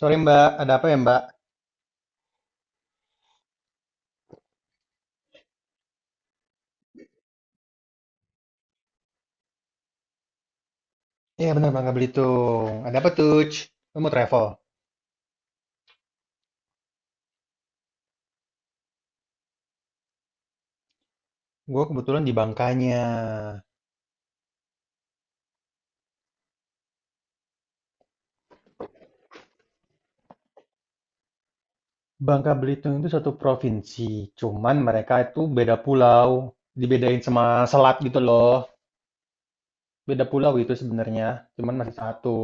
Sorry Mbak, ada apa ya Mbak? Iya benar Bangka Belitung. Ada apa tuh? Lu mau travel? Gue kebetulan di Bangkanya. Bangka Belitung itu satu provinsi, cuman mereka itu beda pulau, dibedain sama selat gitu loh. Beda pulau itu sebenarnya, cuman masih satu.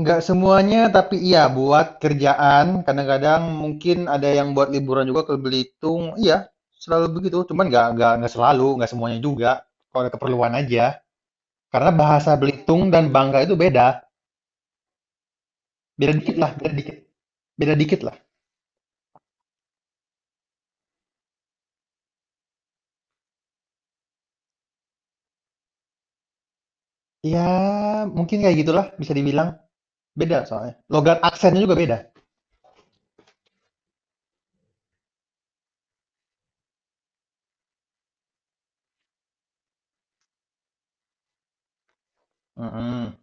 Nggak semuanya, tapi iya buat kerjaan. Kadang-kadang mungkin ada yang buat liburan juga ke Belitung. Iya, selalu begitu. Cuman nggak selalu, nggak semuanya juga. Kalau ada keperluan aja. Karena bahasa Belitung dan Bangka itu beda. Beda dikit lah, beda dikit. Beda dikit lah. Ya, mungkin kayak gitulah bisa dibilang. Beda soalnya. Logat aksennya juga beda. Mm-mm.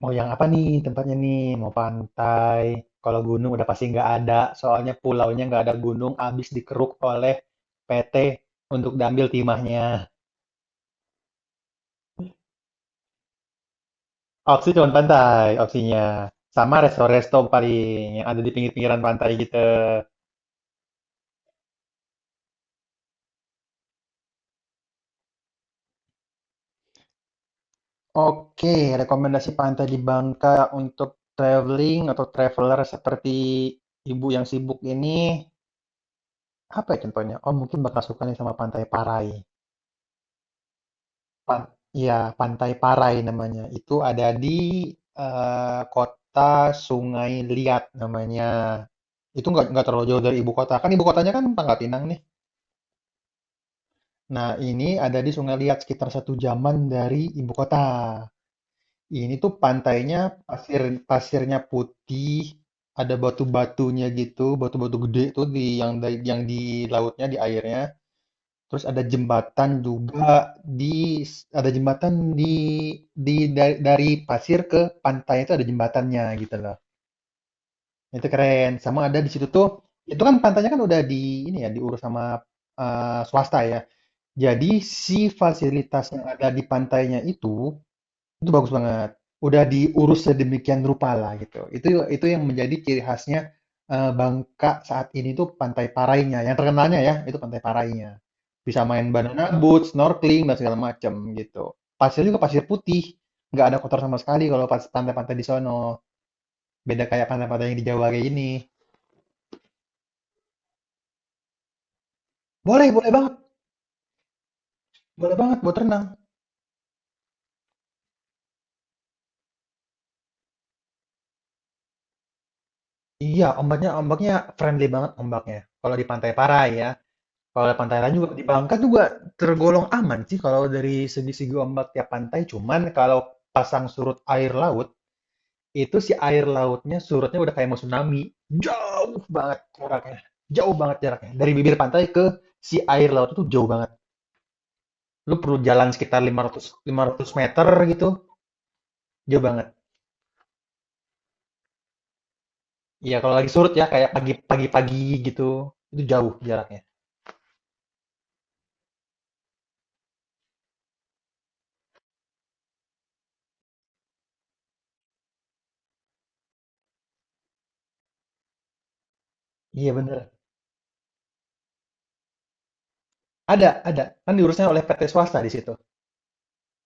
Mau yang apa nih tempatnya nih? Mau pantai. Kalau gunung udah pasti nggak ada. Soalnya pulaunya nggak ada gunung, abis dikeruk oleh PT untuk diambil timahnya. Opsi cuma pantai, opsinya. Sama resto-resto paling yang ada di pinggir-pinggiran pantai gitu. Oke, rekomendasi pantai di Bangka untuk traveling atau traveler seperti ibu yang sibuk ini, apa ya contohnya? Oh, mungkin bakal suka nih sama Pantai Parai. Pan ya, Pantai Parai namanya. Itu ada di kota Sungai Liat namanya. Itu nggak terlalu jauh dari ibu kota. Kan ibu kotanya kan Pangkal Pinang nih. Nah, ini ada di Sungai Liat sekitar satu jaman dari ibu kota. Ini tuh pantainya pasir pasirnya putih, ada batu-batunya gitu, batu-batu gede tuh di yang yang di lautnya, di airnya. Terus ada jembatan juga di, ada jembatan di di dari pasir ke pantai itu ada jembatannya gitu loh. Itu keren. Sama ada di situ tuh itu kan pantainya kan udah di ini ya diurus sama swasta ya. Jadi si fasilitas yang ada di pantainya itu bagus banget. Udah diurus sedemikian rupa lah gitu. Itu yang menjadi ciri khasnya, Bangka saat ini tuh Pantai Parainya, yang terkenalnya ya, itu Pantai Parainya. Bisa main banana boat, snorkeling, dan segala macam gitu. Pasirnya juga pasir putih, nggak ada kotor sama sekali kalau pas pantai-pantai di sono, beda kayak pantai-pantai yang di Jawa kayak gini. Boleh, boleh banget, boleh banget buat renang. Iya, ombaknya ombaknya friendly banget ombaknya, kalau di Pantai Parai ya. Kalau ada pantai lain juga di Bangka juga tergolong aman sih kalau dari segi-segi ombak tiap pantai. Cuman kalau pasang surut air laut, itu si air lautnya surutnya udah kayak mau tsunami. Jauh banget jaraknya. Jauh banget jaraknya. Dari bibir pantai ke si air laut itu jauh banget. Lu perlu jalan sekitar 500 meter gitu. Jauh banget. Iya, kalau lagi surut ya kayak pagi gitu. Itu jauh jaraknya. Iya bener. Ada, ada. Kan diurusnya oleh PT swasta di situ.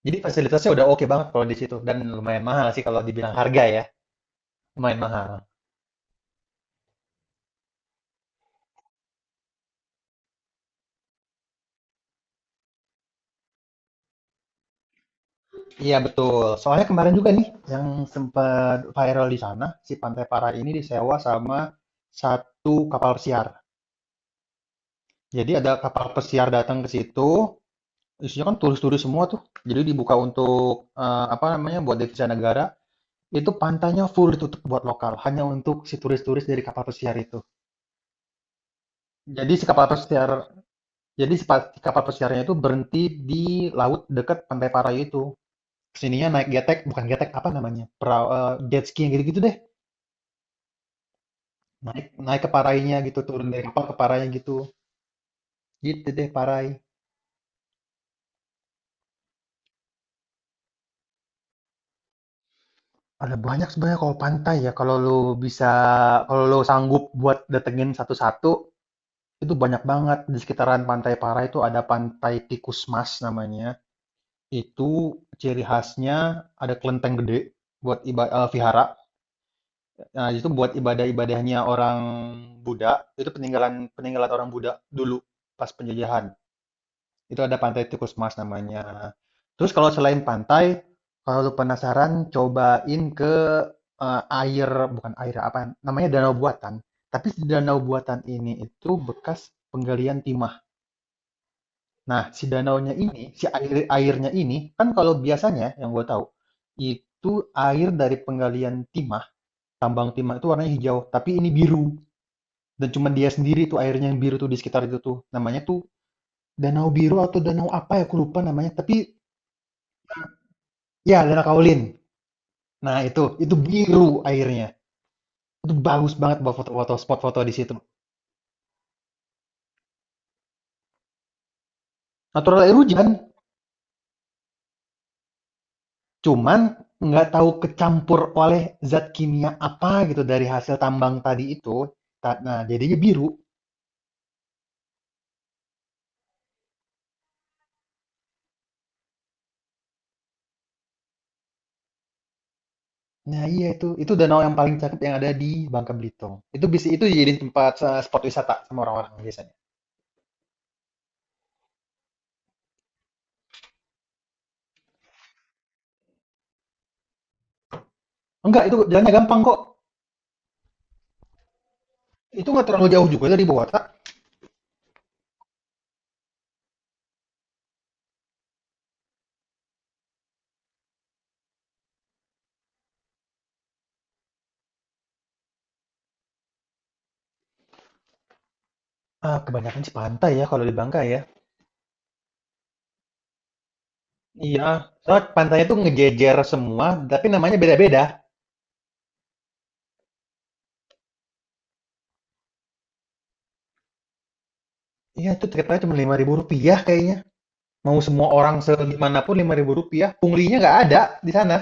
Jadi fasilitasnya udah oke banget kalau di situ dan lumayan mahal sih kalau dibilang harga ya, lumayan mahal. Iya betul. Soalnya kemarin juga nih yang sempat viral di sana, si Pantai para ini disewa sama satu kapal pesiar. Jadi ada kapal pesiar datang ke situ, isinya kan turis-turis semua tuh. Jadi dibuka untuk apa namanya buat devisa negara. Itu pantainya full ditutup buat lokal, hanya untuk si turis-turis dari kapal pesiar itu. Jadi si kapal pesiar Jadi kapal pesiarnya itu berhenti di laut dekat Pantai Parai itu. Kesininya naik getek, bukan getek, apa namanya? Perahu, jet ski yang gitu-gitu deh. Naik naik ke Parainya gitu, turun dari kapal ke Parainya gitu. Gitu deh Parai. Ada banyak sebenarnya kalau pantai ya, bisa kalau lu sanggup buat datengin satu-satu, itu banyak banget. Di sekitaran Pantai Parai itu ada Pantai Tikus Mas namanya. Itu ciri khasnya ada kelenteng gede buat vihara. Nah, itu buat ibadah-ibadahnya orang Buddha, itu peninggalan peninggalan orang Buddha dulu pas penjajahan. Itu ada Pantai Tikus Mas namanya. Terus kalau selain pantai, kalau lu penasaran cobain ke eh, air bukan air apa namanya danau buatan. Tapi si danau buatan ini itu bekas penggalian timah. Nah, si danaunya ini, si airnya ini kan kalau biasanya yang gue tahu itu air dari penggalian timah, tambang timah itu warnanya hijau, tapi ini biru. Dan cuma dia sendiri tuh airnya yang biru tuh di sekitar itu tuh. Namanya tuh danau biru atau danau apa ya aku lupa namanya. Tapi ya Danau Kaolin. Nah itu biru airnya. Itu bagus banget buat foto-foto spot foto di situ. Natural air hujan, cuman nggak tahu kecampur oleh zat kimia apa gitu dari hasil tambang tadi itu. Nah jadinya biru. Nah iya itu danau yang paling cakep yang ada di Bangka Belitung. Itu bisa itu jadi tempat spot wisata sama orang-orang biasanya. Enggak itu jalannya gampang kok. Itu nggak terlalu jauh juga dari Bogor. Ah, kebanyakan sih pantai ya kalau di Bangka ya. Iya, soalnya pantainya tuh ngejejer semua, tapi namanya beda-beda. Iya, itu tiketnya cuma Rp5.000 kayaknya. Mau semua orang segimanapun Rp5.000. Punglinya nggak ada di sana.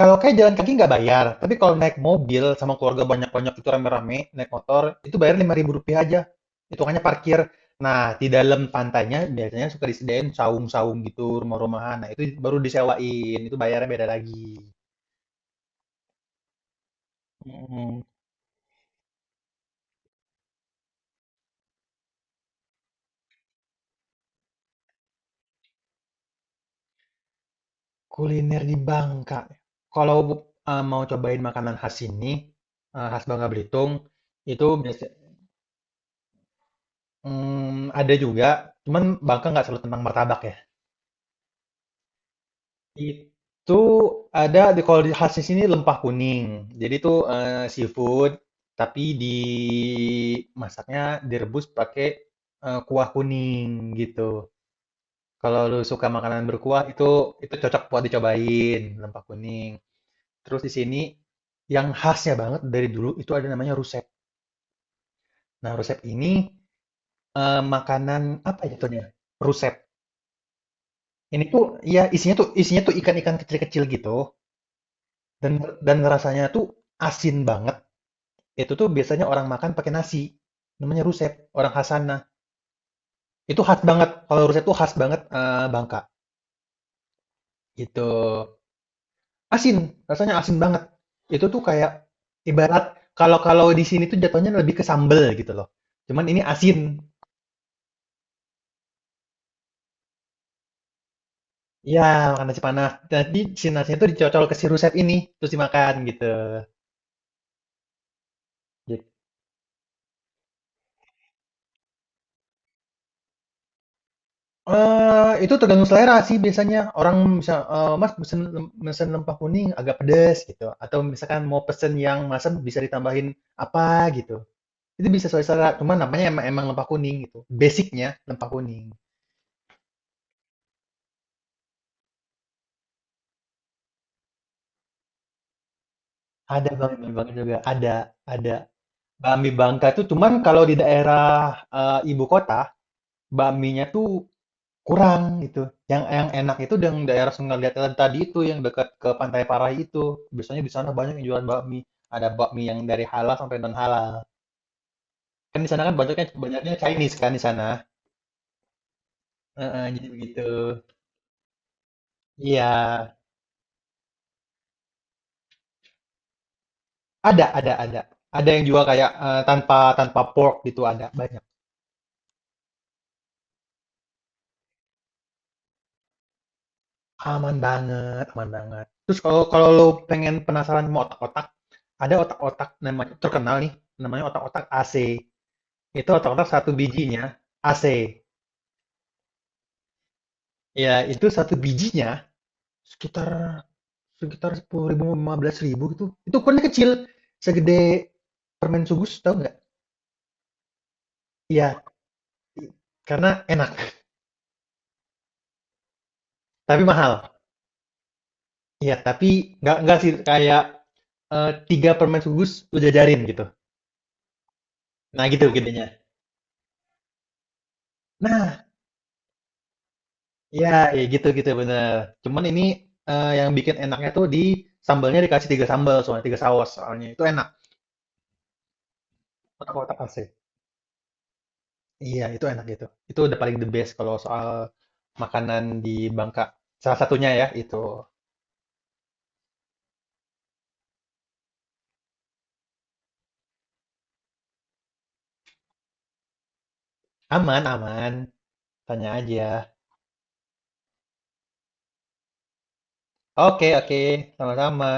Kalau kayak jalan kaki nggak bayar, tapi kalau naik mobil sama keluarga banyak-banyak itu rame-rame, naik motor, itu bayar Rp5.000 aja. Hitungannya parkir. Nah, di dalam pantainya biasanya suka disediain saung-saung gitu, rumah-rumahan. Nah, itu baru disewain, itu bayarnya beda lagi. Mm. Kuliner di Bangka, kalau, mau cobain makanan khas sini, khas Bangka Belitung, itu biasa ada juga, cuman Bangka nggak selalu tentang martabak ya. Itu ada di kalau di khas di sini lempah kuning. Jadi itu, seafood, tapi dimasaknya, direbus pakai, kuah kuning, gitu. Kalau lu suka makanan berkuah, itu cocok buat dicobain, lempah kuning. Terus di sini yang khasnya banget dari dulu itu ada namanya rusep. Nah, rusep ini makanan apa ya jatuhnya? Rusep. Ini tuh ya isinya tuh ikan-ikan kecil-kecil gitu dan dan rasanya tuh asin banget. Itu tuh biasanya orang makan pakai nasi. Namanya rusep, orang khas sana. Itu khas banget. Kalau rusep tuh khas banget Bangka. Gitu. Asin, rasanya asin banget. Itu tuh kayak ibarat kalau kalau di sini tuh jatuhnya lebih ke sambel gitu loh. Cuman ini asin. Iya, makan nasi panas. Jadi si nasinya itu dicocol ke si rusep ini, terus dimakan gitu. Gitu. Itu tergantung selera sih biasanya. Orang bisa, Mas pesen pesen lempah kuning agak pedes gitu. Atau misalkan mau pesen yang masam bisa ditambahin apa gitu. Itu bisa sesuai selera. Cuman namanya emang lempah kuning gitu. Basicnya lempah kuning. Ada bami mie Bangka juga. Ada, ada. Bami Bangka tuh cuman kalau di daerah ibu kota, bakminya tuh kurang gitu, yang enak itu yang daerah Sungai Latihan tadi itu, yang dekat ke Pantai Parai itu. Biasanya di sana banyak yang jualan bakmi, ada bakmi yang dari halal sampai non halal. Kan di sana kan banyaknya banyaknya Chinese kan di sana, heeh, jadi begitu. Iya, ada ada. Ada yang jual kayak, tanpa tanpa pork gitu ada, banyak. Aman banget aman banget. Terus kalau kalau lo pengen penasaran mau otak-otak, ada otak-otak namanya terkenal nih, namanya otak-otak AC. Itu otak-otak satu bijinya, AC. Ya itu satu bijinya sekitar sekitar Rp10.000, Rp15.000 gitu. Itu ukurannya kecil, segede permen sugus, tau nggak? Iya, karena enak, tapi mahal. Iya, tapi nggak sih, kayak, 3 permen sugus lu jajarin gitu. Nah gitu gedenya. Nah, ya ya gitu gitu, bener. Cuman ini, yang bikin enaknya tuh di sambalnya dikasih 3 sambal soalnya, 3 saus soalnya, itu enak, kotak-kotak asli. Iya, itu enak itu. Itu udah paling the best kalau soal makanan di Bangka. Salah satunya ya, itu. Aman, aman. Tanya aja. Oke, oke. Sama-sama.